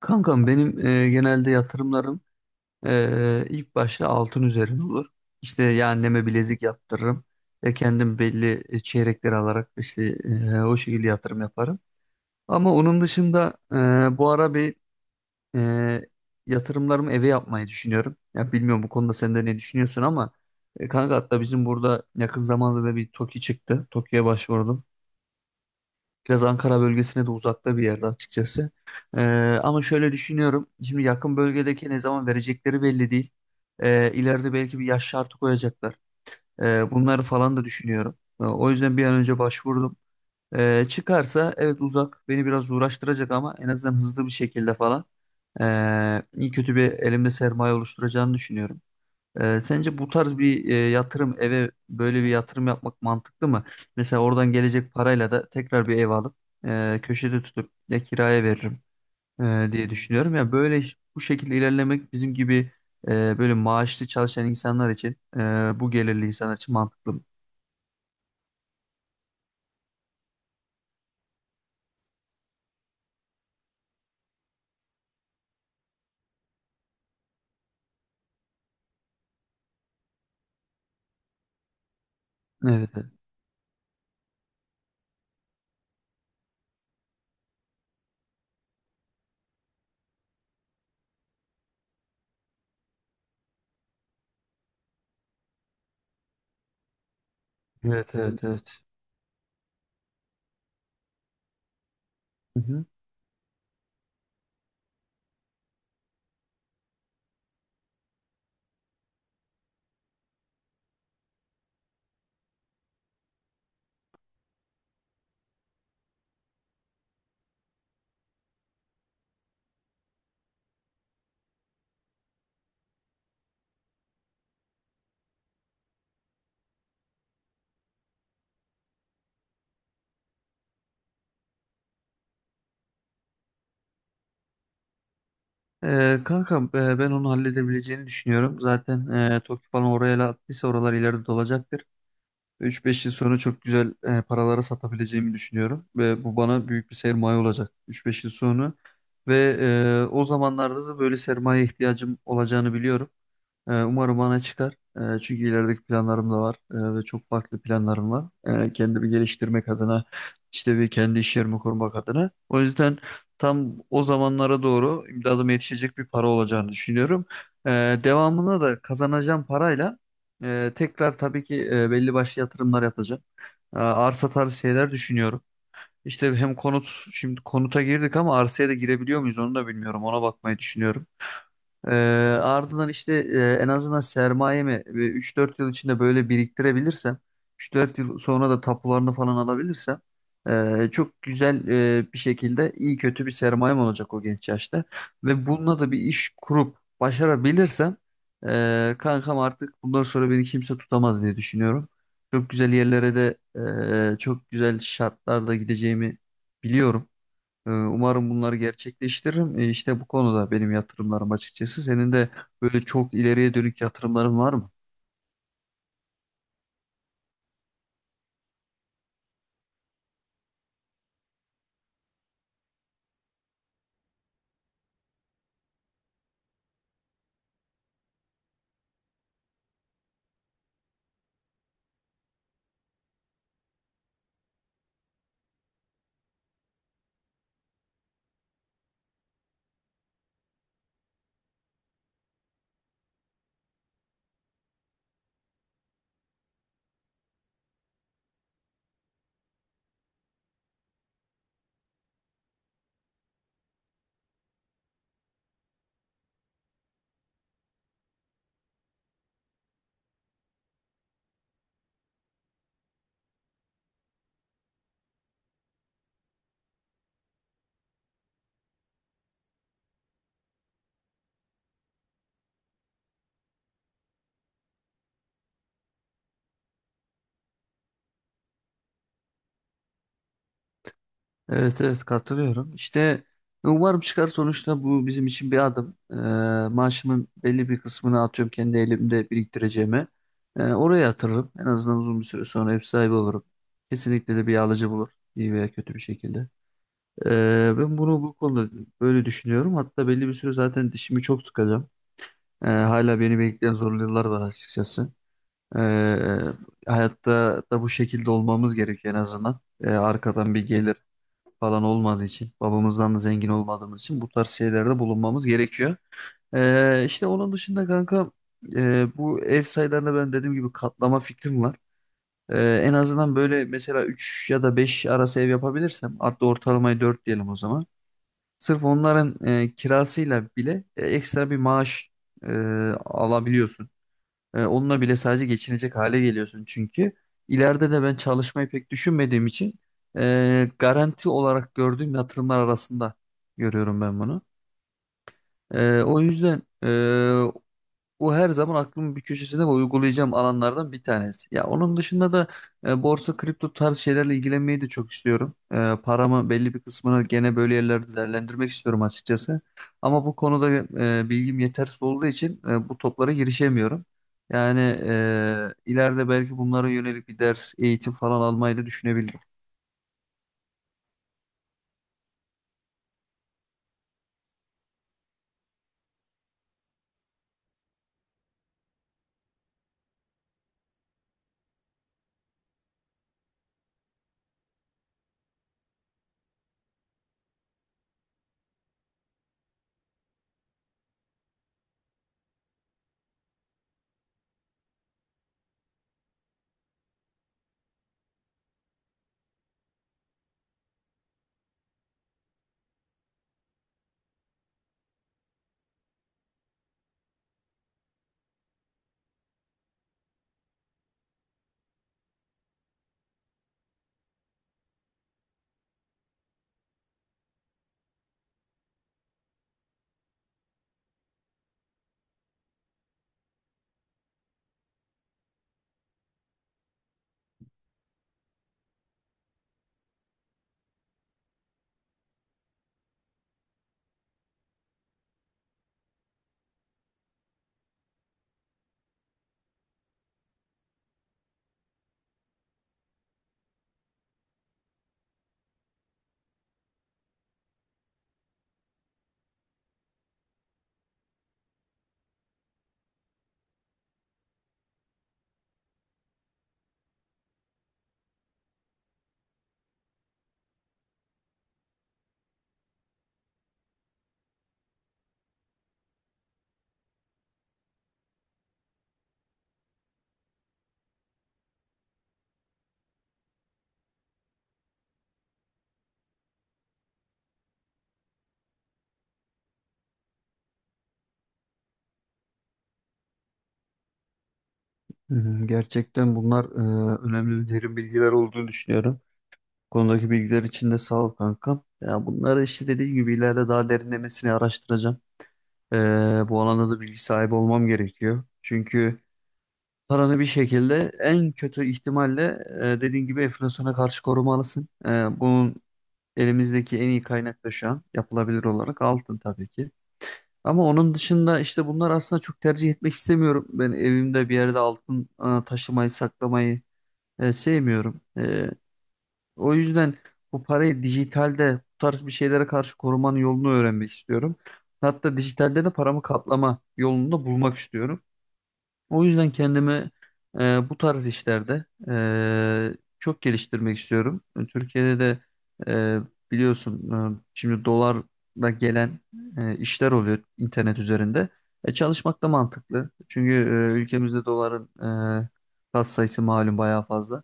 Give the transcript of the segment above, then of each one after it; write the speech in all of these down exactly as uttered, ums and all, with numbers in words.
Kankam benim e, genelde yatırımlarım e, ilk başta altın üzerine olur. İşte ya anneme bilezik yaptırırım ve kendim belli e, çeyrekleri alarak işte e, o şekilde yatırım yaparım. Ama onun dışında e, bu ara bir e, yatırımlarımı eve yapmayı düşünüyorum. Ya bilmiyorum bu konuda sen de ne düşünüyorsun ama e, kanka hatta bizim burada yakın zamanda da bir TOKİ çıktı. TOKİ'ye başvurdum. Biraz Ankara bölgesine de uzakta bir yerde açıkçası. Ee, Ama şöyle düşünüyorum. Şimdi yakın bölgedeki ne zaman verecekleri belli değil. Ee, ileride belki bir yaş şartı koyacaklar. Ee, bunları falan da düşünüyorum. Ee, o yüzden bir an önce başvurdum. Ee, çıkarsa evet, uzak beni biraz uğraştıracak ama en azından hızlı bir şekilde falan. Ee, iyi kötü bir elimde sermaye oluşturacağını düşünüyorum. Ee, sence bu tarz bir e, yatırım, eve böyle bir yatırım yapmak mantıklı mı? Mesela oradan gelecek parayla da tekrar bir ev alıp e, köşede tutup ya kiraya veririm e, diye düşünüyorum. Ya böyle iş- bu şekilde ilerlemek bizim gibi e, böyle maaşlı çalışan insanlar için e, bu gelirli insanlar için mantıklı mı? Evet. Evet. Evet. Ee, evet, evet. Hı hı. Ee, kanka, e, ben onu halledebileceğini düşünüyorum. Zaten e, Tokyo falan oraya attıysa oralar ileride dolacaktır. üç beş yıl sonra çok güzel e, paralara satabileceğimi düşünüyorum ve bu bana büyük bir sermaye olacak üç beş yıl sonra. Ve e, o zamanlarda da böyle sermaye ihtiyacım olacağını biliyorum. Ee, Umarım bana çıkar. Ee, Çünkü ilerideki planlarım da var, ee, ve çok farklı planlarım var. Ee, Kendimi geliştirmek adına, işte bir kendi iş yerimi kurmak adına. O yüzden tam o zamanlara doğru imdadıma yetişecek bir para olacağını düşünüyorum. Ee, Devamında da kazanacağım parayla e, tekrar tabii ki e, belli başlı yatırımlar yapacağım. Ee, Arsa tarzı şeyler düşünüyorum. İşte hem konut, şimdi konuta girdik ama arsaya da girebiliyor muyuz onu da bilmiyorum. Ona bakmayı düşünüyorum. Ee, Ardından işte e, en azından sermayemi bir üç dört yıl içinde böyle biriktirebilirsem, üç dört yıl sonra da tapularını falan alabilirsem e, çok güzel e, bir şekilde iyi kötü bir sermayem olacak o genç yaşta. Ve bununla da bir iş kurup başarabilirsem e, kankam, artık bundan sonra beni kimse tutamaz diye düşünüyorum. Çok güzel yerlere de e, çok güzel şartlarda gideceğimi biliyorum. Ee, Umarım bunları gerçekleştiririm. Ee, İşte bu konuda benim yatırımlarım açıkçası. Senin de böyle çok ileriye dönük yatırımların var mı? Evet, evet, katılıyorum. İşte e, umarım çıkar, sonuçta bu bizim için bir adım. Ee, maaşımın belli bir kısmını, atıyorum, kendi elimde biriktireceğime. Ee, oraya yatırırım. En azından uzun bir süre sonra ev sahibi olurum. Kesinlikle de bir alıcı bulur, iyi veya kötü bir şekilde. Ee, ben bunu, bu konuda böyle düşünüyorum. Hatta belli bir süre zaten dişimi çok sıkacağım. Ee, hala beni bekleyen zorlu yıllar var açıkçası. Ee, e, Hayatta da bu şekilde olmamız gerekiyor en azından. Ee, arkadan bir gelir falan olmadığı için, babamızdan da zengin olmadığımız için bu tarz şeylerde bulunmamız gerekiyor. Ee, işte onun dışında kanka, e, bu ev sayılarında ben dediğim gibi katlama fikrim var. Ee, en azından böyle mesela üç ya da beş arası ev yapabilirsem, hatta ortalamayı dört diyelim o zaman. Sırf onların e, kirasıyla bile e, ekstra bir maaş e, alabiliyorsun. E, onunla bile sadece geçinecek hale geliyorsun çünkü. İleride de ben çalışmayı pek düşünmediğim için e, garanti olarak gördüğüm yatırımlar arasında görüyorum ben bunu. E, o yüzden e, o her zaman aklımın bir köşesinde ve uygulayacağım alanlardan bir tanesi. Ya onun dışında da e, borsa, kripto tarz şeylerle ilgilenmeyi de çok istiyorum. E, paramı belli bir kısmını gene böyle yerlerde değerlendirmek istiyorum açıkçası. Ama bu konuda e, bilgim yetersiz olduğu için e, bu toplara girişemiyorum. Yani e, ileride belki bunlara yönelik bir ders, eğitim falan almayı da düşünebilirim. Hı hı. Gerçekten bunlar e, önemli ve derin bilgiler olduğunu düşünüyorum. Konudaki bilgiler için de sağ ol kankam. Ya bunları işte dediğim gibi ileride daha derinlemesine araştıracağım. Ee, Bu alanda da bilgi sahibi olmam gerekiyor. Çünkü paranı bir şekilde en kötü ihtimalle e, dediğin gibi enflasyona karşı korumalısın. Ee, bunun, elimizdeki en iyi kaynak da şu an yapılabilir olarak altın tabii ki. Ama onun dışında işte bunlar, aslında çok tercih etmek istemiyorum. Ben evimde bir yerde altın e, taşımayı, saklamayı e, sevmiyorum. Ee, o yüzden bu parayı dijitalde bu tarz bir şeylere karşı korumanın yolunu öğrenmek istiyorum. Hatta dijitalde de paramı katlama yolunu da bulmak istiyorum. O yüzden kendimi e, bu tarz işlerde e, çok geliştirmek istiyorum. E, Türkiye'de de e, biliyorsun, e, şimdi dolarla gelen e, işler oluyor internet üzerinde. E, çalışmak da mantıklı. Çünkü e, ülkemizde doların e, katsayısı malum bayağı fazla.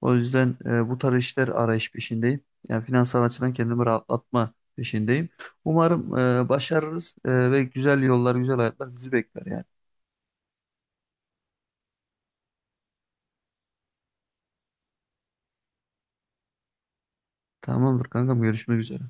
O yüzden e, bu tarz işler arayış peşindeyim. Yani finansal açıdan kendimi rahatlatma peşindeyim. Umarım e, başarırız e, ve güzel yollar, güzel hayatlar bizi bekler yani. Tamamdır kankam, görüşmek üzere.